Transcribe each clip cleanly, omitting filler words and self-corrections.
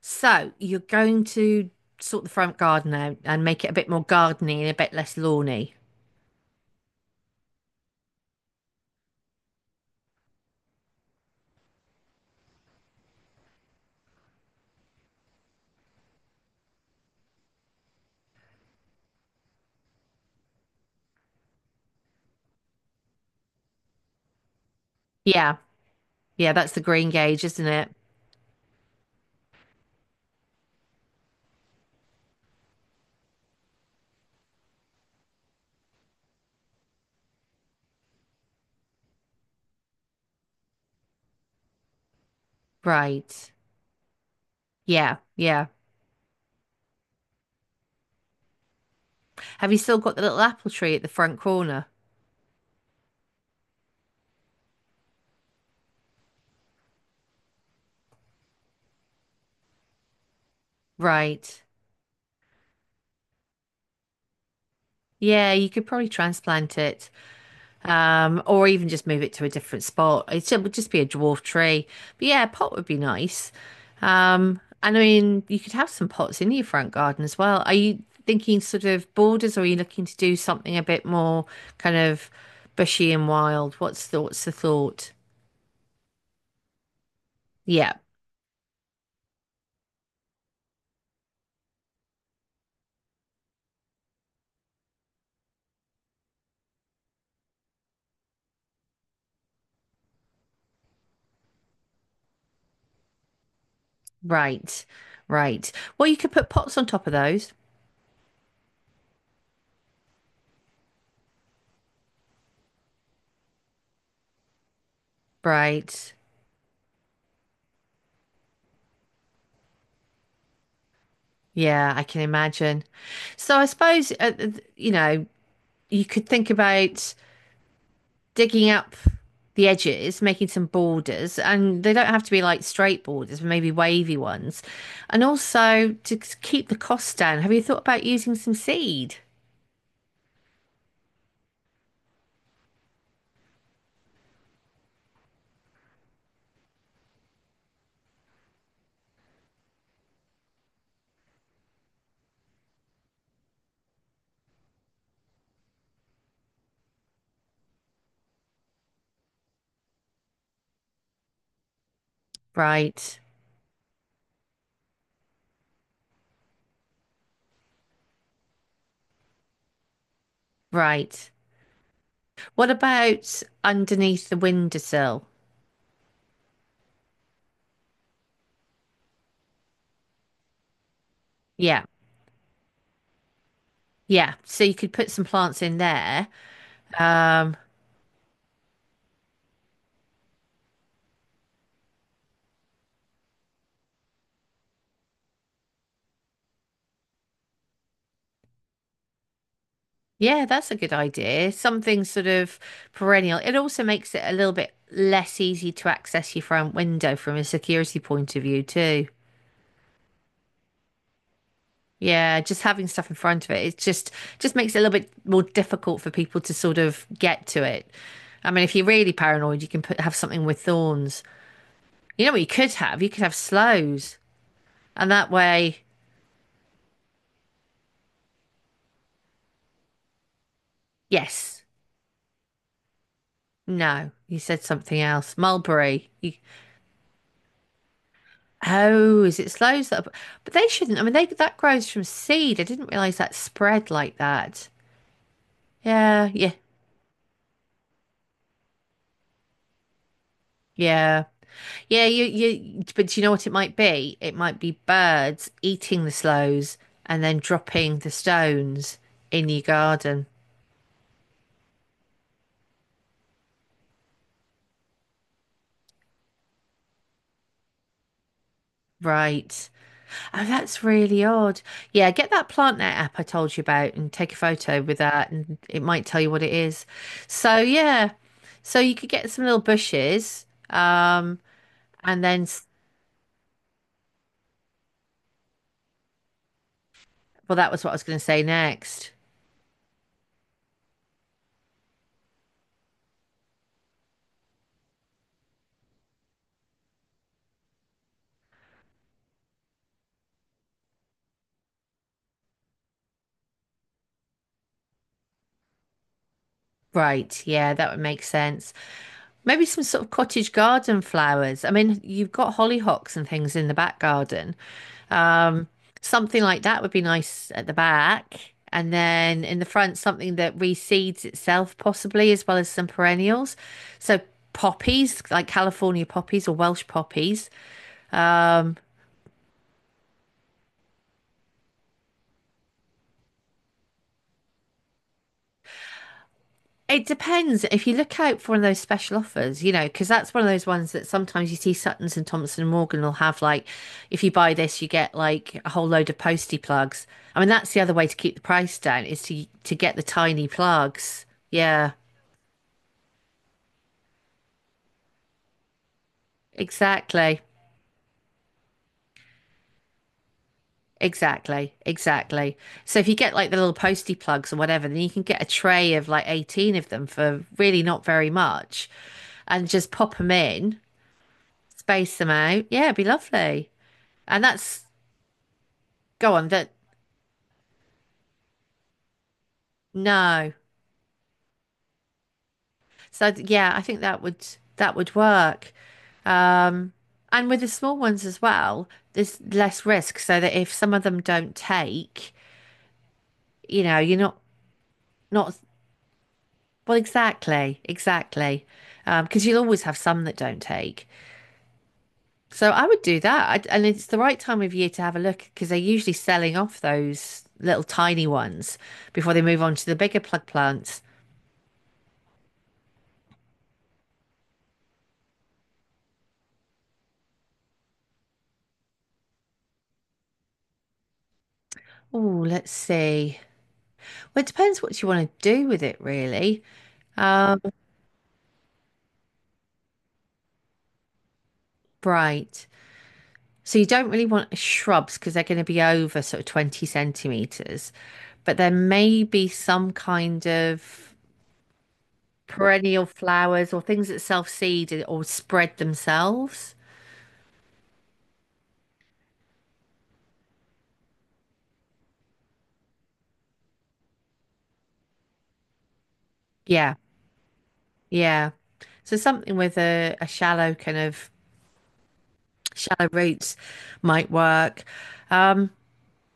So you're going to sort the front garden out and make it a bit more gardeny and a bit less lawny. Yeah, yeah, that's the green gauge, isn't it? Right. Yeah, yeah. Have you still got the little apple tree at the front corner? Right. Yeah, you could probably transplant it. Or even just move it to a different spot. It would just be a dwarf tree. But yeah, a pot would be nice. And I mean, you could have some pots in your front garden as well. Are you thinking sort of borders, or are you looking to do something a bit more kind of bushy and wild? What's the thought? Yeah, right, right. Well, you could put pots on top of those. Right. Yeah, I can imagine. So I suppose, you know, you could think about digging up the edges, making some borders, and they don't have to be like straight borders, but maybe wavy ones. And also to keep the cost down, have you thought about using some seed? Right, right. What about underneath the windowsill? Yeah, yeah. So you could put some plants in there. Um, yeah, that's a good idea. Something sort of perennial. It also makes it a little bit less easy to access your front window from a security point of view, too. Yeah, just having stuff in front of it, it just makes it a little bit more difficult for people to sort of get to it. I mean, if you're really paranoid, you can put have something with thorns. You know what you could have? You could have sloes, and that way, yes, no, you said something else. Mulberry. You, oh, is it sloes? That? Are- but they shouldn't. I mean, they that grows from seed. I didn't realize that spread like that. Yeah, yeah, yeah. Yeah, but do you know what it might be? It might be birds eating the sloes and then dropping the stones in your garden. Right. Oh, that's really odd. Yeah, get that PlantNet app I told you about and take a photo with that, and it might tell you what it is. So, yeah, so you could get some little bushes, and then, s- well, that was what I was going to say next. Right. Yeah, that would make sense. Maybe some sort of cottage garden flowers. I mean, you've got hollyhocks and things in the back garden. Um, something like that would be nice at the back. And then in the front, something that reseeds itself, possibly, as well as some perennials. So poppies, like California poppies or Welsh poppies. Um, It depends if you look out for one of those special offers, you know, because that's one of those ones that sometimes you see Suttons and Thompson and Morgan will have like, if you buy this, you get like a whole load of postie plugs. I mean, that's the other way to keep the price down is to get the tiny plugs. Yeah, exactly, exactly, exactly. So if you get like the little postie plugs or whatever, then you can get a tray of like 18 of them for really not very much, and just pop them in, space them out. Yeah, it'd be lovely. And that's go on, that no. So yeah, I think that would work. Um, and with the small ones as well, there's less risk so that if some of them don't take, you know, you're not not well exactly, exactly. Because you'll always have some that don't take. So I would do that. I And it's the right time of year to have a look because they're usually selling off those little tiny ones before they move on to the bigger plug plants. Oh, let's see. Well, it depends what you want to do with it, really. Um, right. So you don't really want shrubs because they're going to be over sort of 20 centimeters, but there may be some kind of perennial flowers or things that self-seed or spread themselves. Yeah, yeah. So something with a shallow kind of shallow roots might work. Um,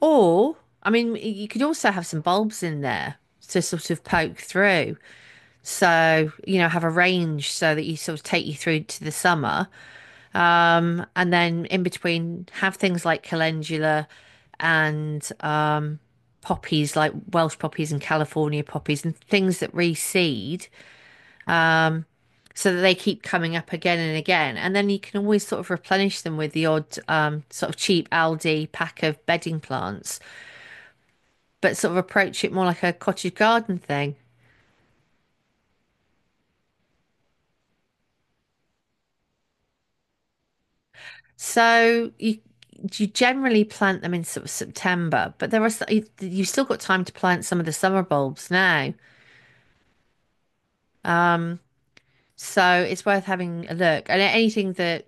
or I mean, you could also have some bulbs in there to sort of poke through. So, you know, have a range so that you sort of take you through to the summer. And then in between, have things like calendula and poppies, like Welsh poppies and California poppies, and things that reseed so that they keep coming up again and again. And then you can always sort of replenish them with the odd sort of cheap Aldi pack of bedding plants, but sort of approach it more like a cottage garden thing. So you generally plant them in sort of September, but there are s- you've still got time to plant some of the summer bulbs now. Um, so it's worth having a look. And anything that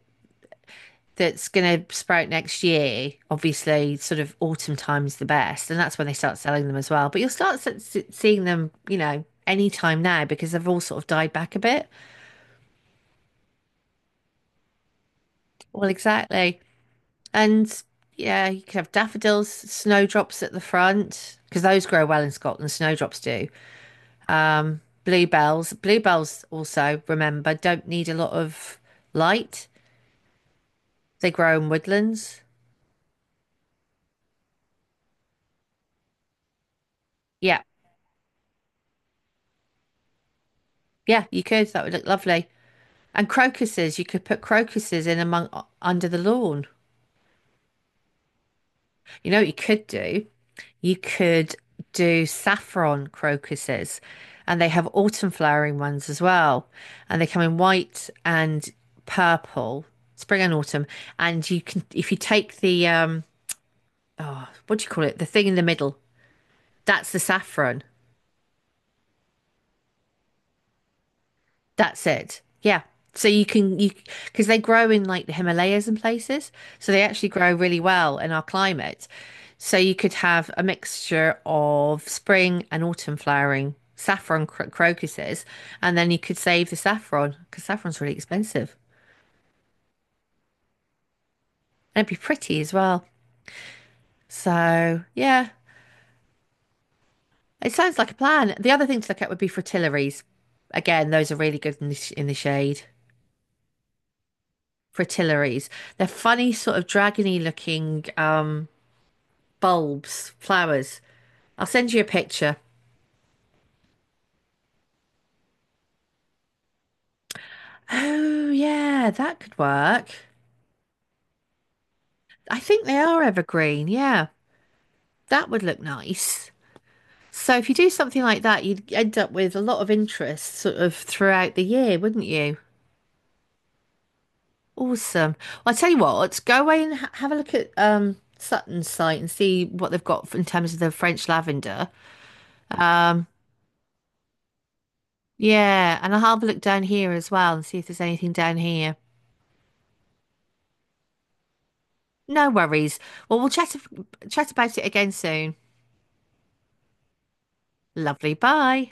that's going to sprout next year, obviously, sort of autumn time's the best, and that's when they start selling them as well. But you'll start seeing them, you know, any time now because they've all sort of died back a bit. Well, exactly. And yeah, you could have daffodils, snowdrops at the front because those grow well in Scotland. Snowdrops do. Bluebells also remember don't need a lot of light. They grow in woodlands. Yeah, yeah, you could. That would look lovely. And crocuses, you could put crocuses in among under the lawn. You know what you could do? You could do saffron crocuses, and they have autumn flowering ones as well. And they come in white and purple, spring and autumn. And you can, if you take the, what do you call it? The thing in the middle, that's the saffron. That's it. Yeah. So you can you Because they grow in like the Himalayas and places, so they actually grow really well in our climate. So you could have a mixture of spring and autumn flowering saffron crocuses, and then you could save the saffron because saffron's really expensive, and it'd be pretty as well. So yeah, it sounds like a plan. The other thing to look at would be fritillaries. Again, those are really good in the, in the shade. Fritillaries. They're funny, sort of dragony looking. Bulbs, flowers. I'll send you a picture. Oh, yeah, that could work. I think they are evergreen. Yeah, that would look nice. So if you do something like that, you'd end up with a lot of interest sort of throughout the year, wouldn't you? Awesome. Well, I tell you what, go away and ha have a look at Sutton's site and see what they've got in terms of the French lavender. Um, yeah, and I'll have a look down here as well and see if there's anything down here. No worries. Well, we'll chat about it again soon. Lovely. Bye.